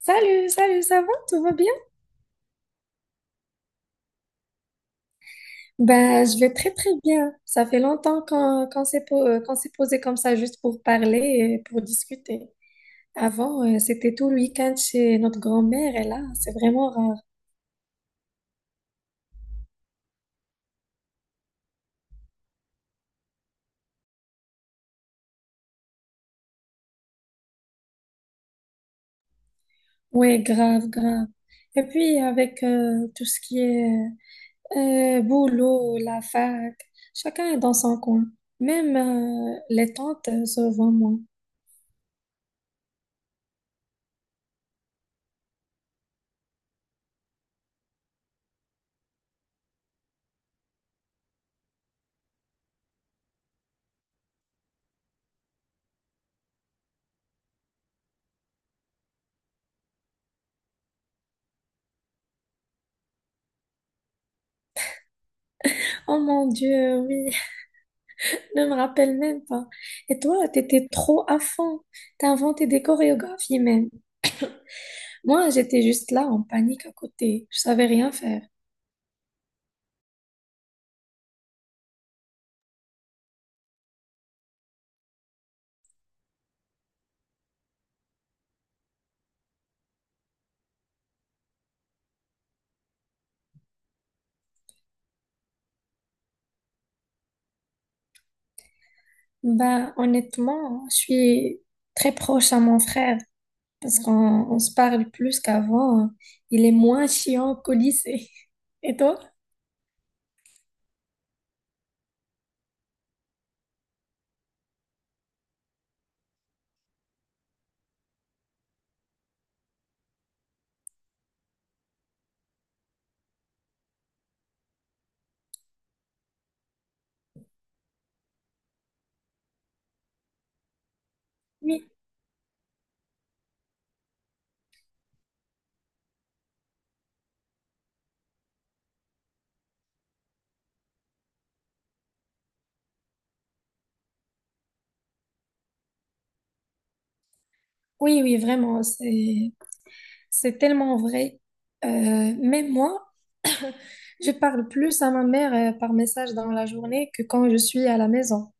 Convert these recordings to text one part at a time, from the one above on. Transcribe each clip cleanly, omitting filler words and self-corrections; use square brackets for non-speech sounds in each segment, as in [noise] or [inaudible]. Salut, salut, ça va? Tout va bien? Ben, je vais très très bien. Ça fait longtemps qu'on qu'on s'est posé comme ça juste pour parler et pour discuter. Avant, c'était tout le week-end chez notre grand-mère et là, c'est vraiment rare. Ouais, grave, grave. Et puis avec tout ce qui est boulot, la fac, chacun est dans son coin. Même les tantes se voient moins. Oh mon Dieu, oui. Je me rappelle même pas. Et toi, t'étais trop à fond. T'as inventé des chorégraphies même. Moi, j'étais juste là en panique à côté. Je savais rien faire. Bah, honnêtement, je suis très proche à mon frère parce qu'on on se parle plus qu'avant. Il est moins chiant qu'au lycée. [laughs] Et toi? Oui, oui, oui, vraiment. C'est tellement vrai. Même moi, [laughs] je parle plus à ma mère par message dans la journée que quand je suis à la maison.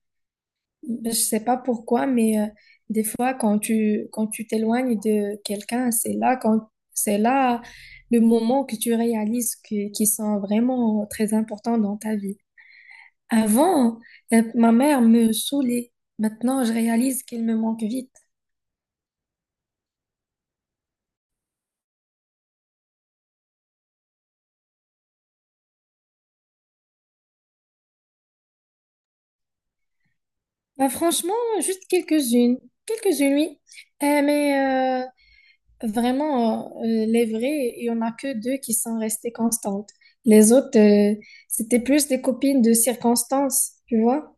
Je sais pas pourquoi, mais des fois, quand tu t'éloignes de quelqu'un, c'est là le moment que tu réalises que qu'ils sont vraiment très importants dans ta vie. Avant, ma mère me saoulait. Maintenant, je réalise qu'elle me manque vite. Bah, franchement, juste quelques-unes, quelques-unes, oui. Euh, mais euh, vraiment, les vrais, il y en a que deux qui sont restées constantes. Les autres, c'était plus des copines de circonstances, tu vois.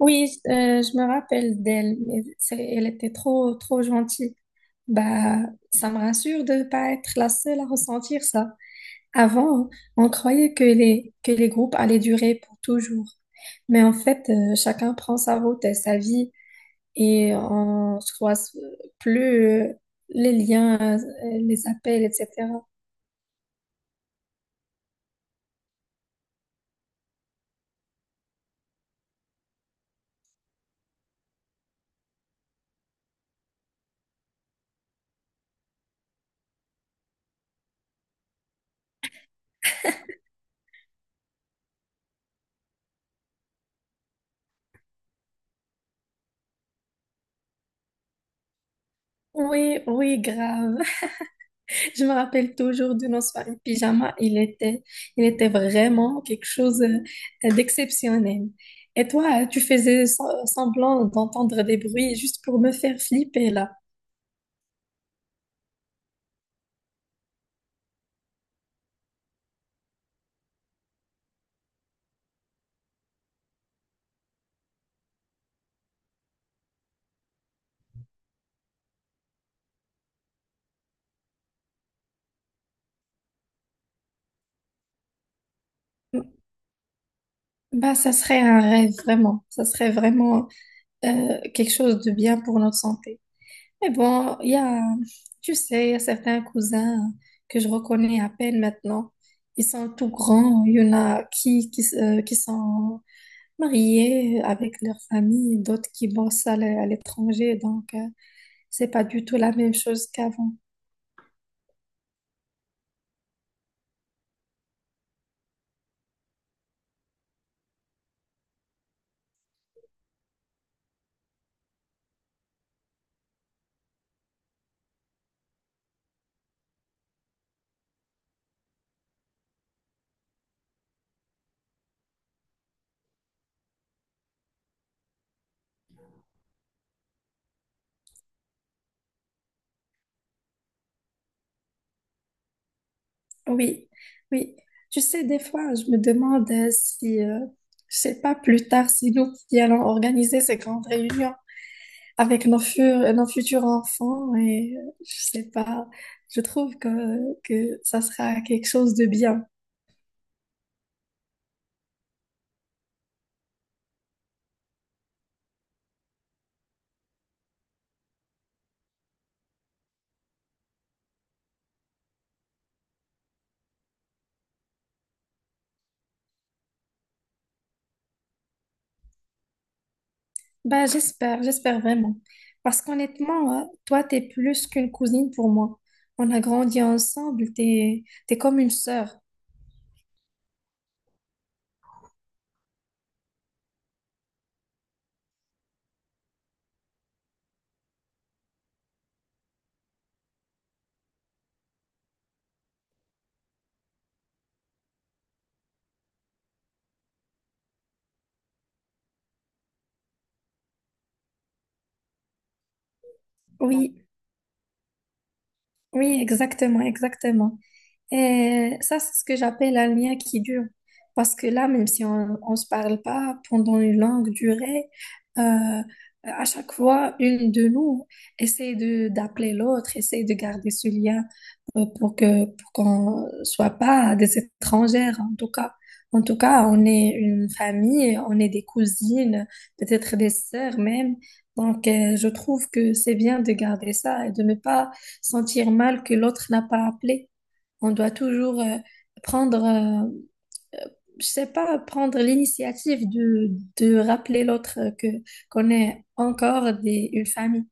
Oui, je me rappelle d'elle, elle était trop, trop gentille. Bah, ça me rassure de ne pas être la seule à ressentir ça. Avant, on croyait que les groupes allaient durer pour toujours. Mais en fait, chacun prend sa route et sa vie, et on se croise plus les liens, les appels, etc. Oui, oui, grave. Je me rappelle toujours de nos soirées pyjama. Il était vraiment quelque chose d'exceptionnel. Et toi, tu faisais semblant d'entendre des bruits juste pour me faire flipper là. Bah, ça serait un rêve, vraiment. Ça serait vraiment quelque chose de bien pour notre santé. Mais bon, tu sais, il y a certains cousins que je reconnais à peine maintenant. Ils sont tout grands. Il y en a qui sont mariés avec leur famille, d'autres qui bossent à l'étranger. Donc, c'est pas du tout la même chose qu'avant. Oui, oui. Tu sais, des fois, je me demande si, je sais pas, plus tard, si nous qui allons organiser ces grandes réunions avec nos futurs enfants et je sais pas, je trouve que ça sera quelque chose de bien. Ben j'espère, j'espère vraiment. Parce qu'honnêtement, toi, t'es plus qu'une cousine pour moi. On a grandi ensemble, t'es comme une sœur. Oui, oui, exactement, exactement. Et ça, c'est ce que j'appelle un lien qui dure. Parce que là, même si on ne se parle pas pendant une longue durée, euh, à chaque fois, une de nous essaie de d'appeler l'autre, essaie de garder ce lien pour que pour qu'on soit pas des étrangères, en tout cas. En tout cas, on est une famille, on est des cousines, peut-être des sœurs même. Donc, je trouve que c'est bien de garder ça et de ne pas sentir mal que l'autre n'a pas appelé. On doit toujours prendre, euh, euh, je sais pas, prendre de rappeler l'autre que qu'on est encore une famille.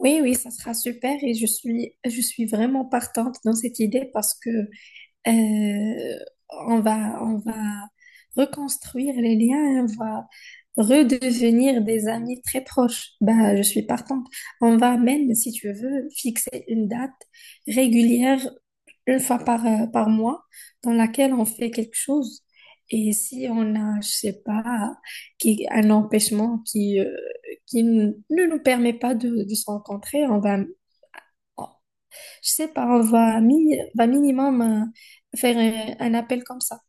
Oui, oui, ça sera super et je suis vraiment partante dans cette idée parce que Euh, on va reconstruire les liens, on va redevenir des amis très proches. Bah, je suis partante. On va même, si tu veux, fixer une date régulière une fois par, par mois dans laquelle on fait quelque chose. Et si on a, je sais pas, un empêchement qui ne nous permet pas de se rencontrer, on va, je sais pas, va minimum faire un appel comme ça.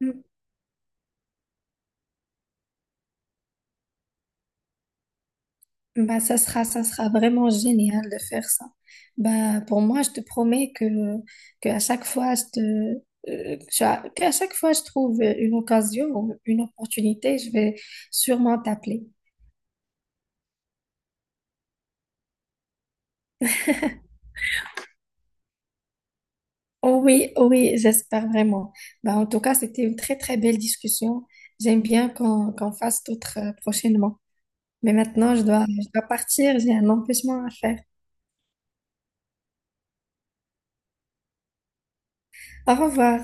Mm. Bah, ça sera vraiment génial de faire ça. Bah, pour moi, je te promets que à chaque fois, je te, cha- que à chaque fois je trouve une occasion ou une opportunité, je vais sûrement t'appeler. Oh oui, oh oui, j'espère vraiment. Bah, en tout cas, c'était une très très belle discussion. J'aime bien qu'on fasse d'autres prochainement. Mais maintenant, je dois partir, j'ai un empêchement à faire. Au revoir.